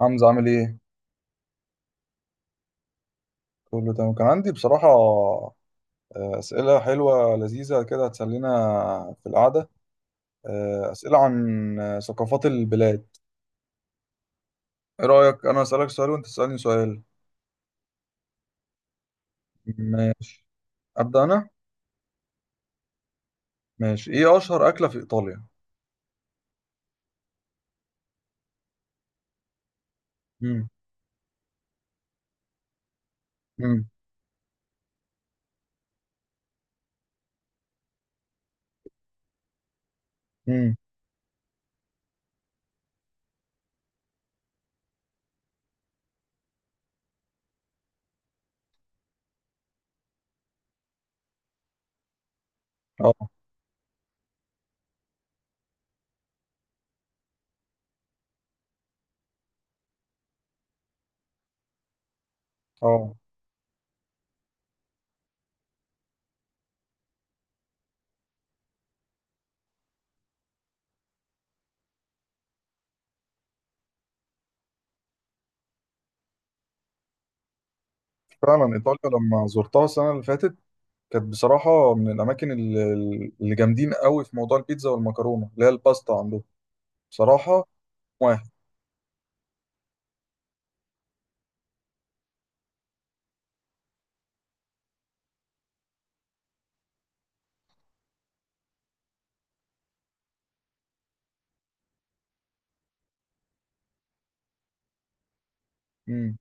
حمزة عامل ايه؟ كله تمام، كان عندي بصراحة أسئلة حلوة لذيذة كده هتسلينا في القعدة. أسئلة عن ثقافات البلاد. ايه رأيك أنا أسألك سؤال وأنت تسألني سؤال؟ ماشي. أبدأ أنا؟ ماشي. ايه أشهر أكلة في إيطاليا؟ مم. مم. مم. اه. اه. فعلا إيطاليا لما زرتها السنة اللي فاتت كانت بصراحة من الأماكن اللي جامدين قوي في موضوع البيتزا والمكرونة اللي هي الباستا عندهم، بصراحة. واحد. مم.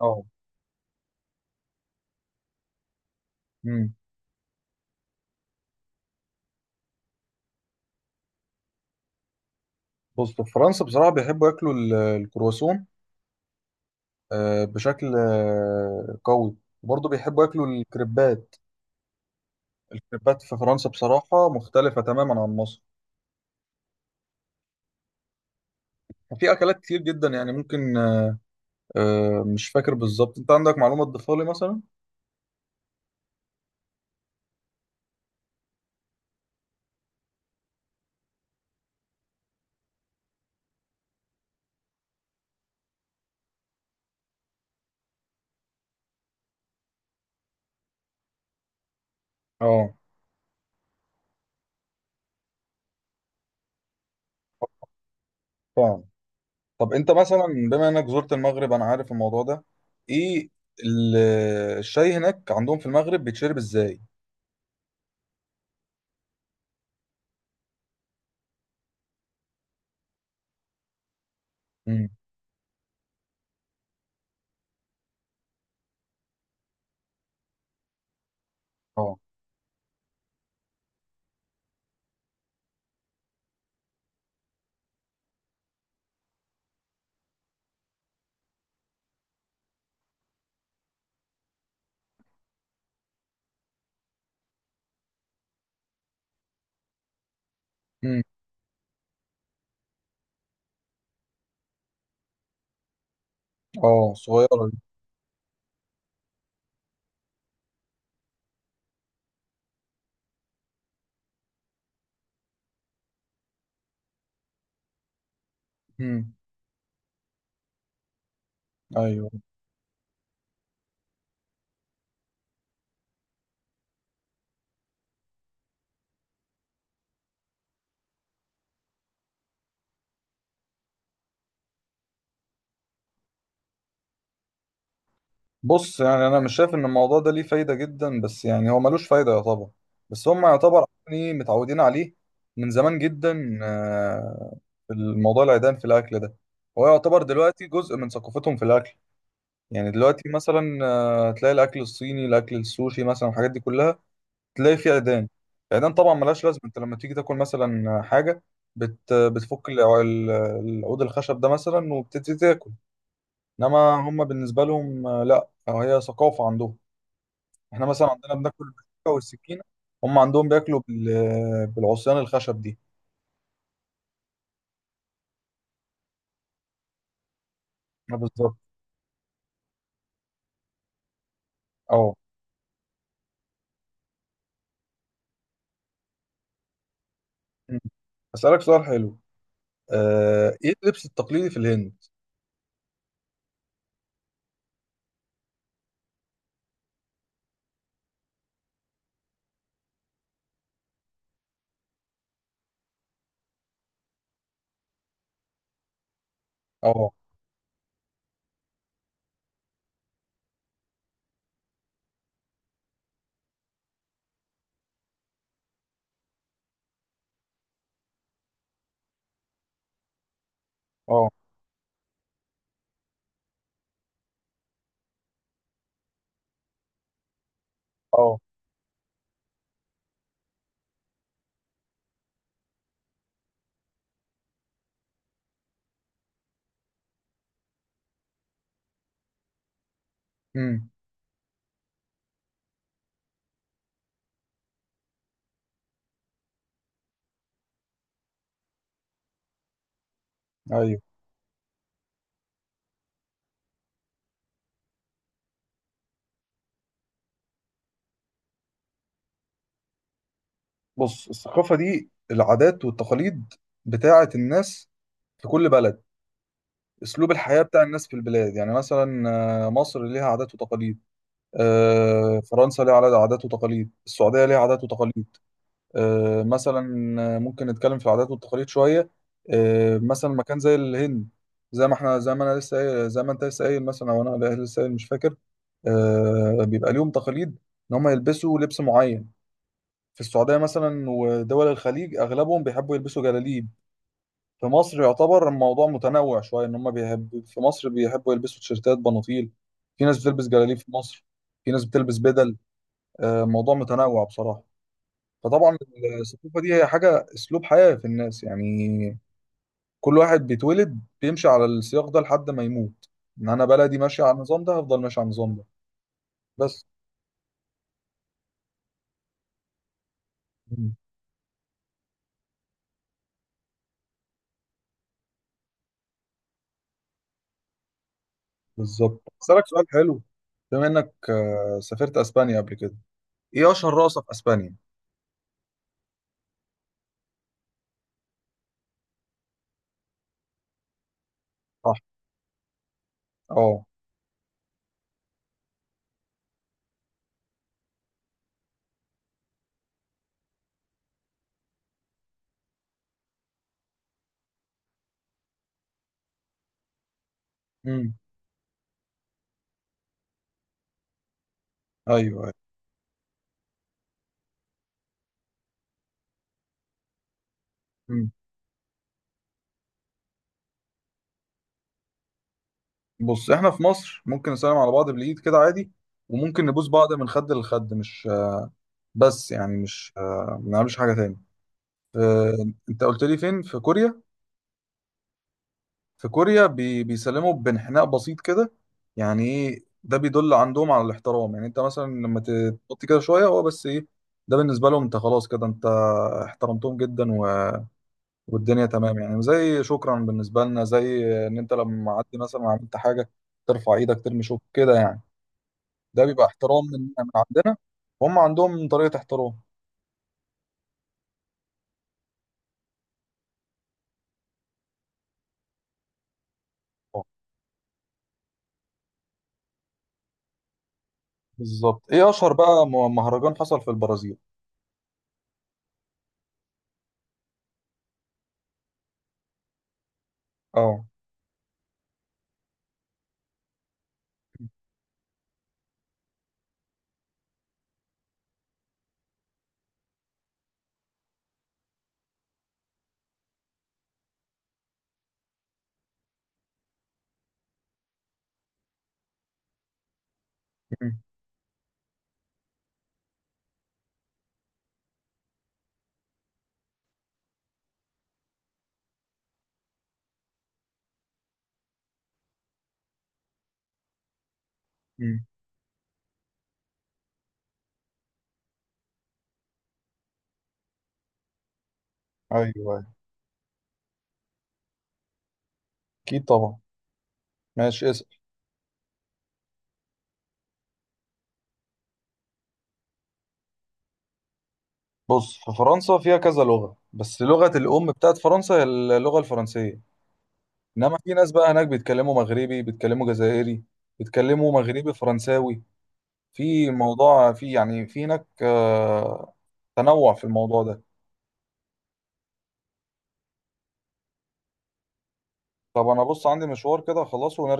اه. مم. بص، في فرنسا بصراحة بيحبوا ياكلوا الكرواسون بشكل قوي، وبرضه بيحبوا ياكلوا الكريبات. الكريبات في فرنسا بصراحة مختلفة تماما عن مصر. في أكلات كتير جدا يعني ممكن، مش فاكر بالظبط. أنت عندك معلومة تضيفها لي مثلا؟ اه. فاهم. طب أنت مثلا بما إنك زرت المغرب، أنا عارف الموضوع ده. إيه ال- الشاي هناك عندهم في المغرب بيتشرب إزاي؟ امم. اه. امم. اه، صغيرة دي. امم. ايوه. بص، يعني انا مش شايف ان الموضوع ده ليه فايده جدا، بس يعني هو ملوش فايده يعتبر. بس هم يعتبر يعني متعودين عليه من زمان جدا. في الموضوع العيدان في الاكل ده، هو يعتبر دلوقتي جزء من ثقافتهم في الاكل. يعني دلوقتي مثلا تلاقي الاكل الصيني، الاكل السوشي مثلا، الحاجات دي كلها تلاقي فيه عيدان. العيدان طبعا ملهاش لازمه. انت لما تيجي تاكل مثلا حاجه، بتفك العود الخشب ده مثلا وبتبتدي تاكل. انما هم بالنسبه لهم لا، أو هي ثقافه عندهم. احنا مثلا عندنا بناكل بالشوكه والسكينه، هم عندهم بياكلوا بالعصيان الخشب دي. اه، بالظبط. اه. مم. اسالك سؤال حلو. ايه اللبس التقليدي في الهند؟ اه. اه. اه. امم. ايوه. بص، الثقافه دي العادات والتقاليد بتاعه الناس في كل بلد، اسلوب الحياه بتاع الناس في البلاد. يعني مثلا مصر ليها عادات وتقاليد، فرنسا ليها عادات وتقاليد، السعوديه ليها عادات وتقاليد. مثلا ممكن نتكلم في العادات والتقاليد شويه. مثلا مكان زي الهند، زي ما احنا، زي ما انا لسه قايل، زي ما انت لسه قايل مثلا، او انا لسه قايل مش فاكر، بيبقى ليهم تقاليد ان هم يلبسوا لبس معين. في السعوديه مثلا ودول الخليج اغلبهم بيحبوا يلبسوا جلاليب. في مصر يعتبر الموضوع متنوع شويه، ان هم بيحب في مصر بيحبوا يلبسوا تيشيرتات بناطيل، في ناس بتلبس جلاليب في مصر، في ناس بتلبس بدل. الموضوع متنوع بصراحه. فطبعا الثقافة دي هي حاجة أسلوب حياة في الناس. يعني كل واحد بيتولد بيمشي على السياق ده لحد ما يموت. إن أنا بلدي ماشية على النظام ده، هفضل ماشي على النظام ده بس. مم. بالظبط. أسألك سؤال حلو. بما إنك سافرت أسبانيا قبل كده، إيه أشهر رقصة في أسبانيا؟ صح. أه. أمم. أيوه. أيوه. مم. بص، إحنا في مصر ممكن نسلم على بعض بالإيد كده عادي، وممكن نبوس بعض من خد لخد، مش بس يعني مش ما بنعملش حاجة تاني. أنت قلت لي فين؟ في كوريا؟ في كوريا بيسلموا بانحناء بسيط كده، يعني ايه ده؟ بيدل عندهم على الاحترام. يعني انت مثلا لما تحط كده شويه، هو بس ايه، ده بالنسبه لهم انت خلاص كده، انت احترمتهم جدا، و... والدنيا تمام. يعني زي شكرا بالنسبه لنا، زي ان انت لما عدي مثلا عملت حاجه ترفع ايدك ترمي شوك كده يعني. ده بيبقى احترام من عندنا، وهم عندهم طريقه احترام. اه، بالظبط. ايه اشهر بقى مهرجان حصل في البرازيل؟ اه. م- م- ايوه. أيوة. اكيد طبعا. ماشي. بص، في فرنسا فيها كذا لغة، بس لغة الأم بتاعت فرنسا هي اللغة الفرنسية. إنما في ناس بقى هناك بيتكلموا مغربي، بيتكلموا جزائري، بيتكلموا مغربي فرنساوي. في الموضوع في يعني في هناك تنوع في الموضوع ده. طب أنا بص، عندي مشوار كده، خلاص ونرجع.